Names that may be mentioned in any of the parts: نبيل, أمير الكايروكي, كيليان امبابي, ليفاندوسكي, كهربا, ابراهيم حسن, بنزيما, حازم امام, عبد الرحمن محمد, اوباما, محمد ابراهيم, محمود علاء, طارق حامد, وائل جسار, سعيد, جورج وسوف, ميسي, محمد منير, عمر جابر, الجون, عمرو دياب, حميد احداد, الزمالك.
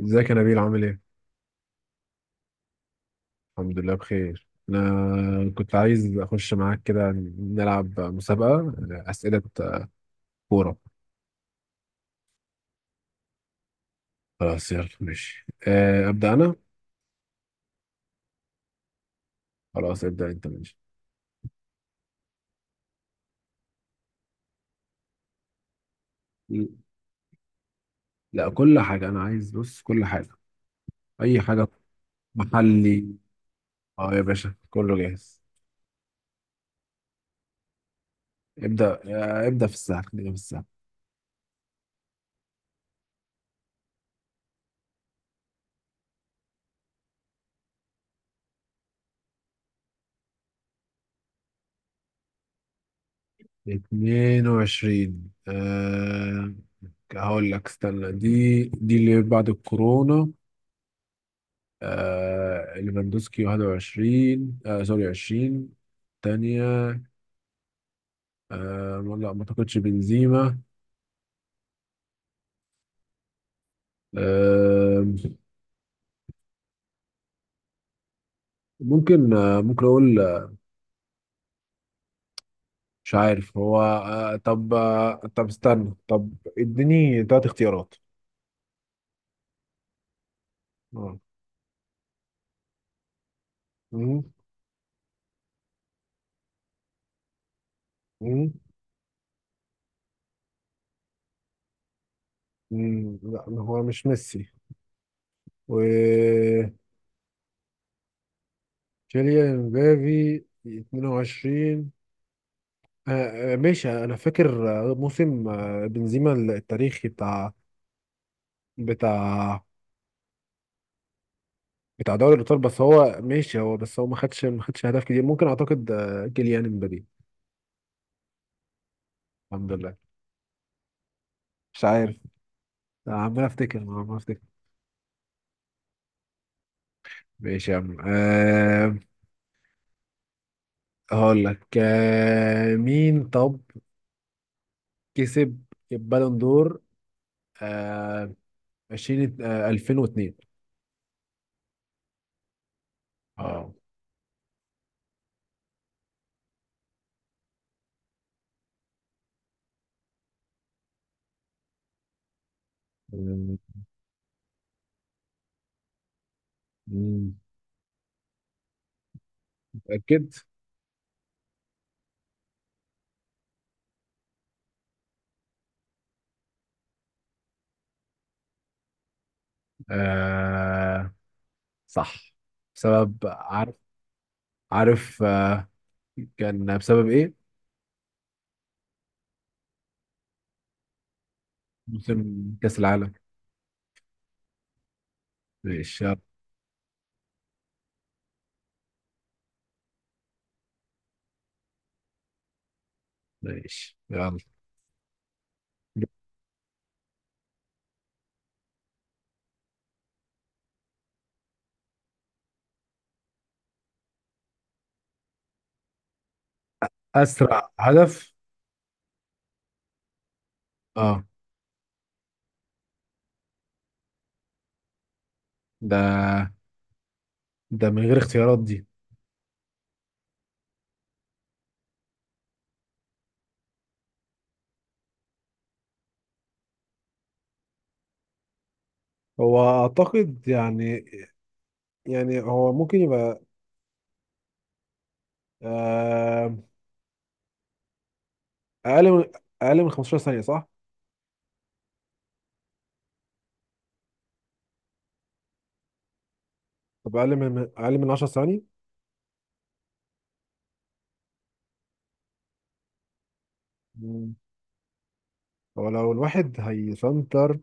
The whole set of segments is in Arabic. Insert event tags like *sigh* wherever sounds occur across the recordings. ازيك يا نبيل؟ عامل ايه؟ الحمد لله بخير. انا كنت عايز اخش معاك كده، نلعب مسابقة اسئلة كورة. خلاص يلا ماشي، ابدأ انا. خلاص ابدأ انت، ماشي. لا، كل حاجة انا عايز، بص، كل حاجة، اي حاجة، محلي. اه يا باشا كله جاهز. ابدأ في السهل، خلينا في السهل. 22؟ أه، هقول لك استنى، دي اللي بعد الكورونا. آه ليفاندوسكي 21، آه سوري 20. تانية. آه لا، ما اعتقدش بنزيما. آه ممكن، ممكن اقول، مش عارف هو. طب استنى، طب اديني تلات اختيارات. اه. مم، مم، مم، لا هو مش ميسي، و كيليان امبابي 22. ماشي، انا فاكر موسم بنزيما التاريخي بتاع بتاع دوري الابطال، بس هو ماشي هو بس هو ما خدش اهداف كتير. ممكن اعتقد كيليان امبابي. الحمد لله. مش عارف. عمال افتكر. ماشي يا عم. هقول لك مين طب كسب البالون دور؟ أه 20، أه 2002. اه. مم، مم، متأكد؟ أه صح. بسبب، عارف؟ عارف أه. كان بسبب ايه؟ موسم كأس العالم. ماشي. ماشي يلا. اسرع هدف. اه، ده، ده من غير اختيارات دي؟ هو اعتقد يعني، يعني هو ممكن يبقى آه، اقل من اقل من 15 ثانية، صح؟ طب اقل من 10 ثواني؟ مم. هو لو الواحد هيسنتر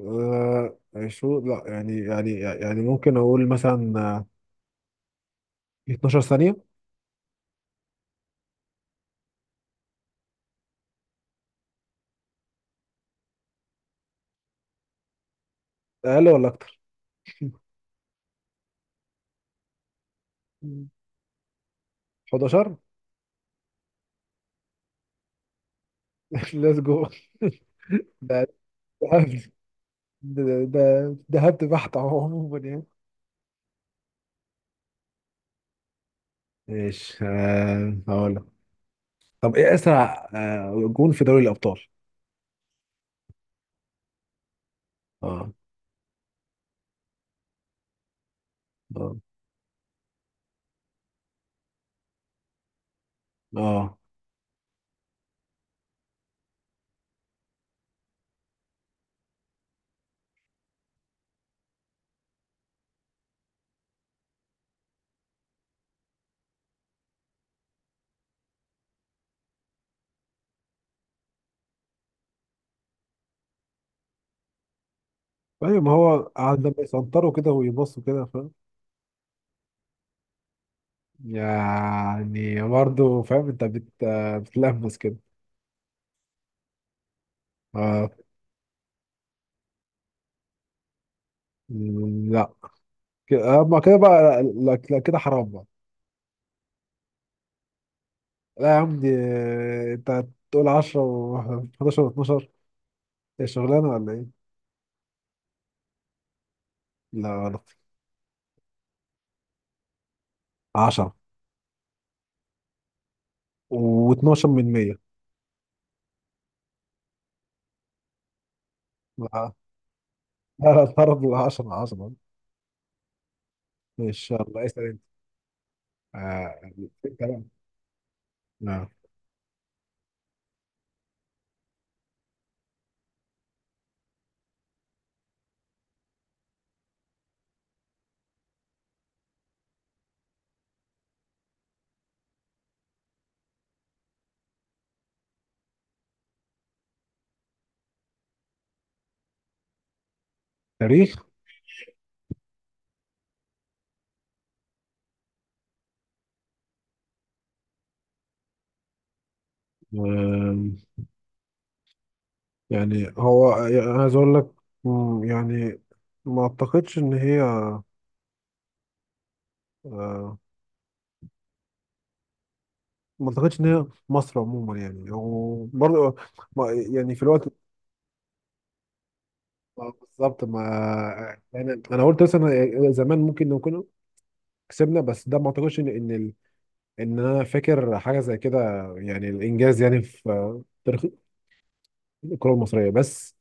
آه، شو، لا يعني، ممكن اقول مثلا 12 ثانية. اقل ولا اكتر؟ مم. 11. *laughs* ليتس جو. ده *laughs* ده هبد بحت اهو، عموما يعني. ماشي، هقول لك. طب ايه اسرع جون في دوري الابطال؟ اه. اه. اه. ايوه، ما هو قعد لما يسنطروا كده ويبصوا كده، فاهم. يعني برضه فاهم، انت بت بتلمس كده. اه. مم، لا، كده اما كده بقى، لا لا لا، كده حرام بقى. لا يا عم دي، انت تقول 10 و11 و12، هي شغلانه ولا ايه؟ لا غلط. 10 و12 من 100. لا لا، طرد العشرة عظمة. إن شاء الله اسأل أنت. أنت بقى. آه. تاريخ. آم، يعني هو يعني عايز أقول لك، مم، يعني ما أعتقدش إن هي، آه، ما أعتقدش إن هي مصر عموما يعني، وبرضه يعني في الوقت بالظبط، ما يعني أنا قلت مثلا زمان ممكن نكون كسبنا، بس ده ما أعتقدش إن إن، أنا فاكر حاجة زي كده، يعني الإنجاز يعني في تاريخ الكرة المصرية بس.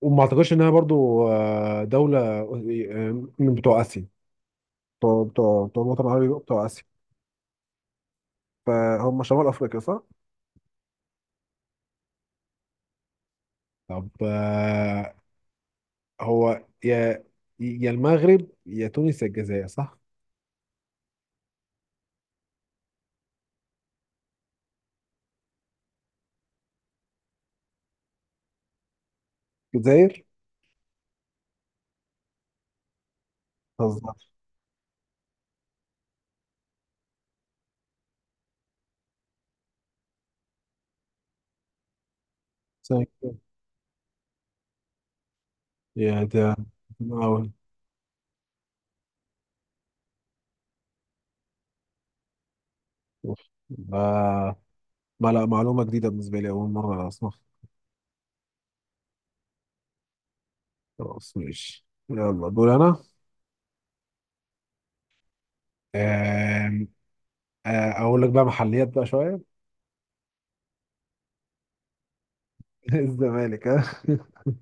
وما اعتقدش انها برضو دولة من بتوع اسيا، بتوع الوطن العربي، بتوع اسيا. فهم شمال افريقيا صح؟ طب هو يا، يا المغرب يا تونس يا الجزائر، صح؟ الجزائر؟ بتهزر. صح كده. يا ده أول. آه ما، لا، معلومة جديدة بالنسبة لي، أول مرة أسمع. خلاص ماشي يلا، دول أنا. آم، آه أقول لك بقى محليات بقى شوية. *laughs* الزمالك، ها؟ *laughs*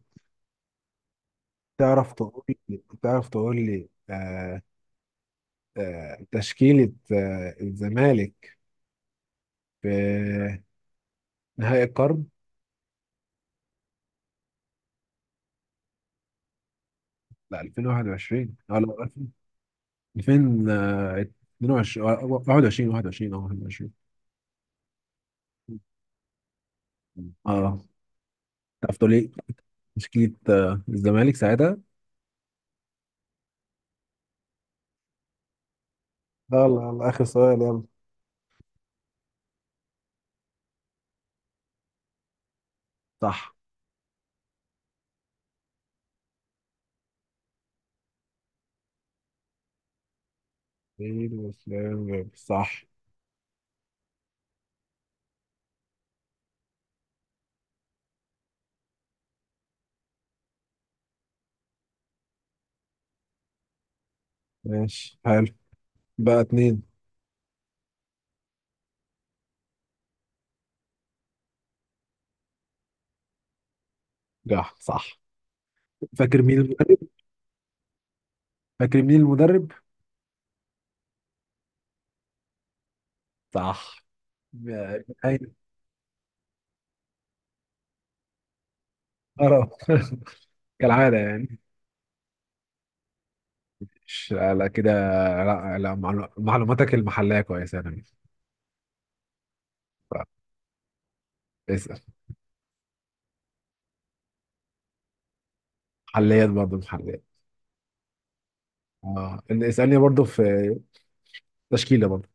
تعرف تقول لي تشكيلة الزمالك في نهائي القرن؟ لا 2021، اه لا، 2022، 21، 21. اه. تعرف تقول لي تشكيلة الزمالك ساعتها؟ يلا يلا، آخر سؤال، يلا. صح. سعيد وسلام جابر. صح. ماشي حلو. بقى اتنين. صح صح. فاكر مين المدرب؟ فاكر مين المدرب؟ صح. آه، اه *laughs* كالعادة يعني. مش لا كده. لا لا، معلوماتك المحلية كويسة يا نبيل. ف- اسأل. محليات برضه، محليات. اه اسألني برضه في تشكيلة برضه.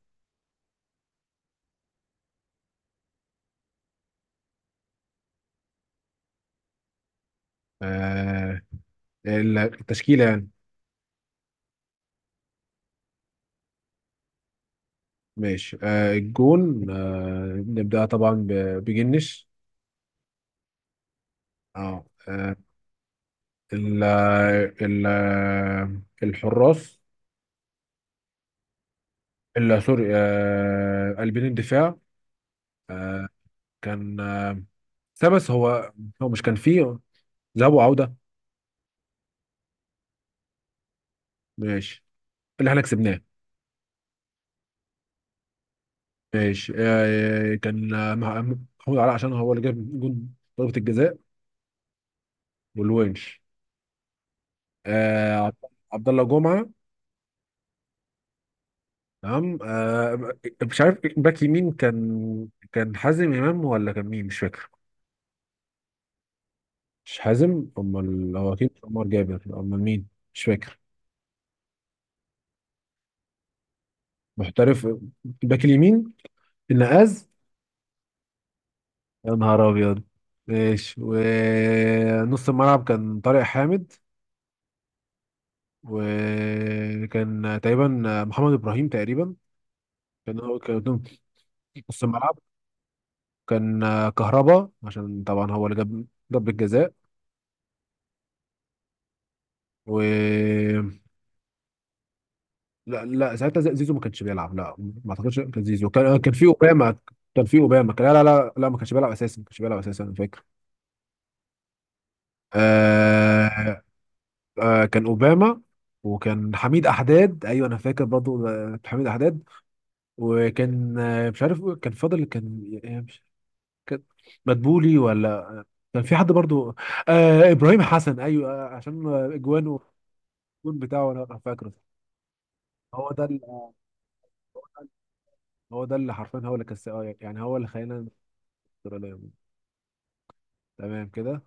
آه التشكيلة يعني. ماشي، الجون، نبدأ طبعا بجنش. اه ال ال الحراس. سوري، قلبين الدفاع. آه كان بس هو، هو مش كان فيه ذهاب وعودة؟ ماشي، اللي احنا كسبناه. ماشي، كان محمود علاء، عشان هو اللي جاب جون ضربة الجزاء. والونش، آه عبد الله جمعة. تمام آه. مش عارف باك يمين كان حازم امام، ولا كان مين، مش فاكر. مش حازم. امال هو اكيد عمر جابر، امال مين؟ مش فاكر. محترف. باك اليمين، النقاز. يا نهار ابيض! ماشي، ونص الملعب كان طارق حامد، وكان تقريبا محمد ابراهيم تقريبا، كان هو كان قدام نص الملعب. كان كهربا، عشان طبعا هو اللي جاب ضربة جزاء. و، لا لا، ساعتها زيزو ما كانش بيلعب. لا ما اعتقدش كان زيزو، كان في اوباما. كان في اوباما كان، لا، ما كانش بيلعب اساسا، انا فاكر. آه. آه كان اوباما، وكان حميد احداد. ايوه، انا فاكر برضو حميد احداد. وكان مش عارف كان فاضل، كان كان مدبولي، ولا كان في حد برضو؟ آه ابراهيم حسن، ايوه آه عشان اجوانه، الجون بتاعه انا فاكره. هو ده هو ده اللي حرفيا هو اللي كسب، يعني هو اللي خلينا نتفرج عليهم. تمام كده.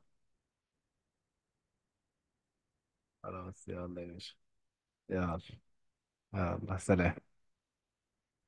خلاص يلا يا باشا، يلا. يلا سلام.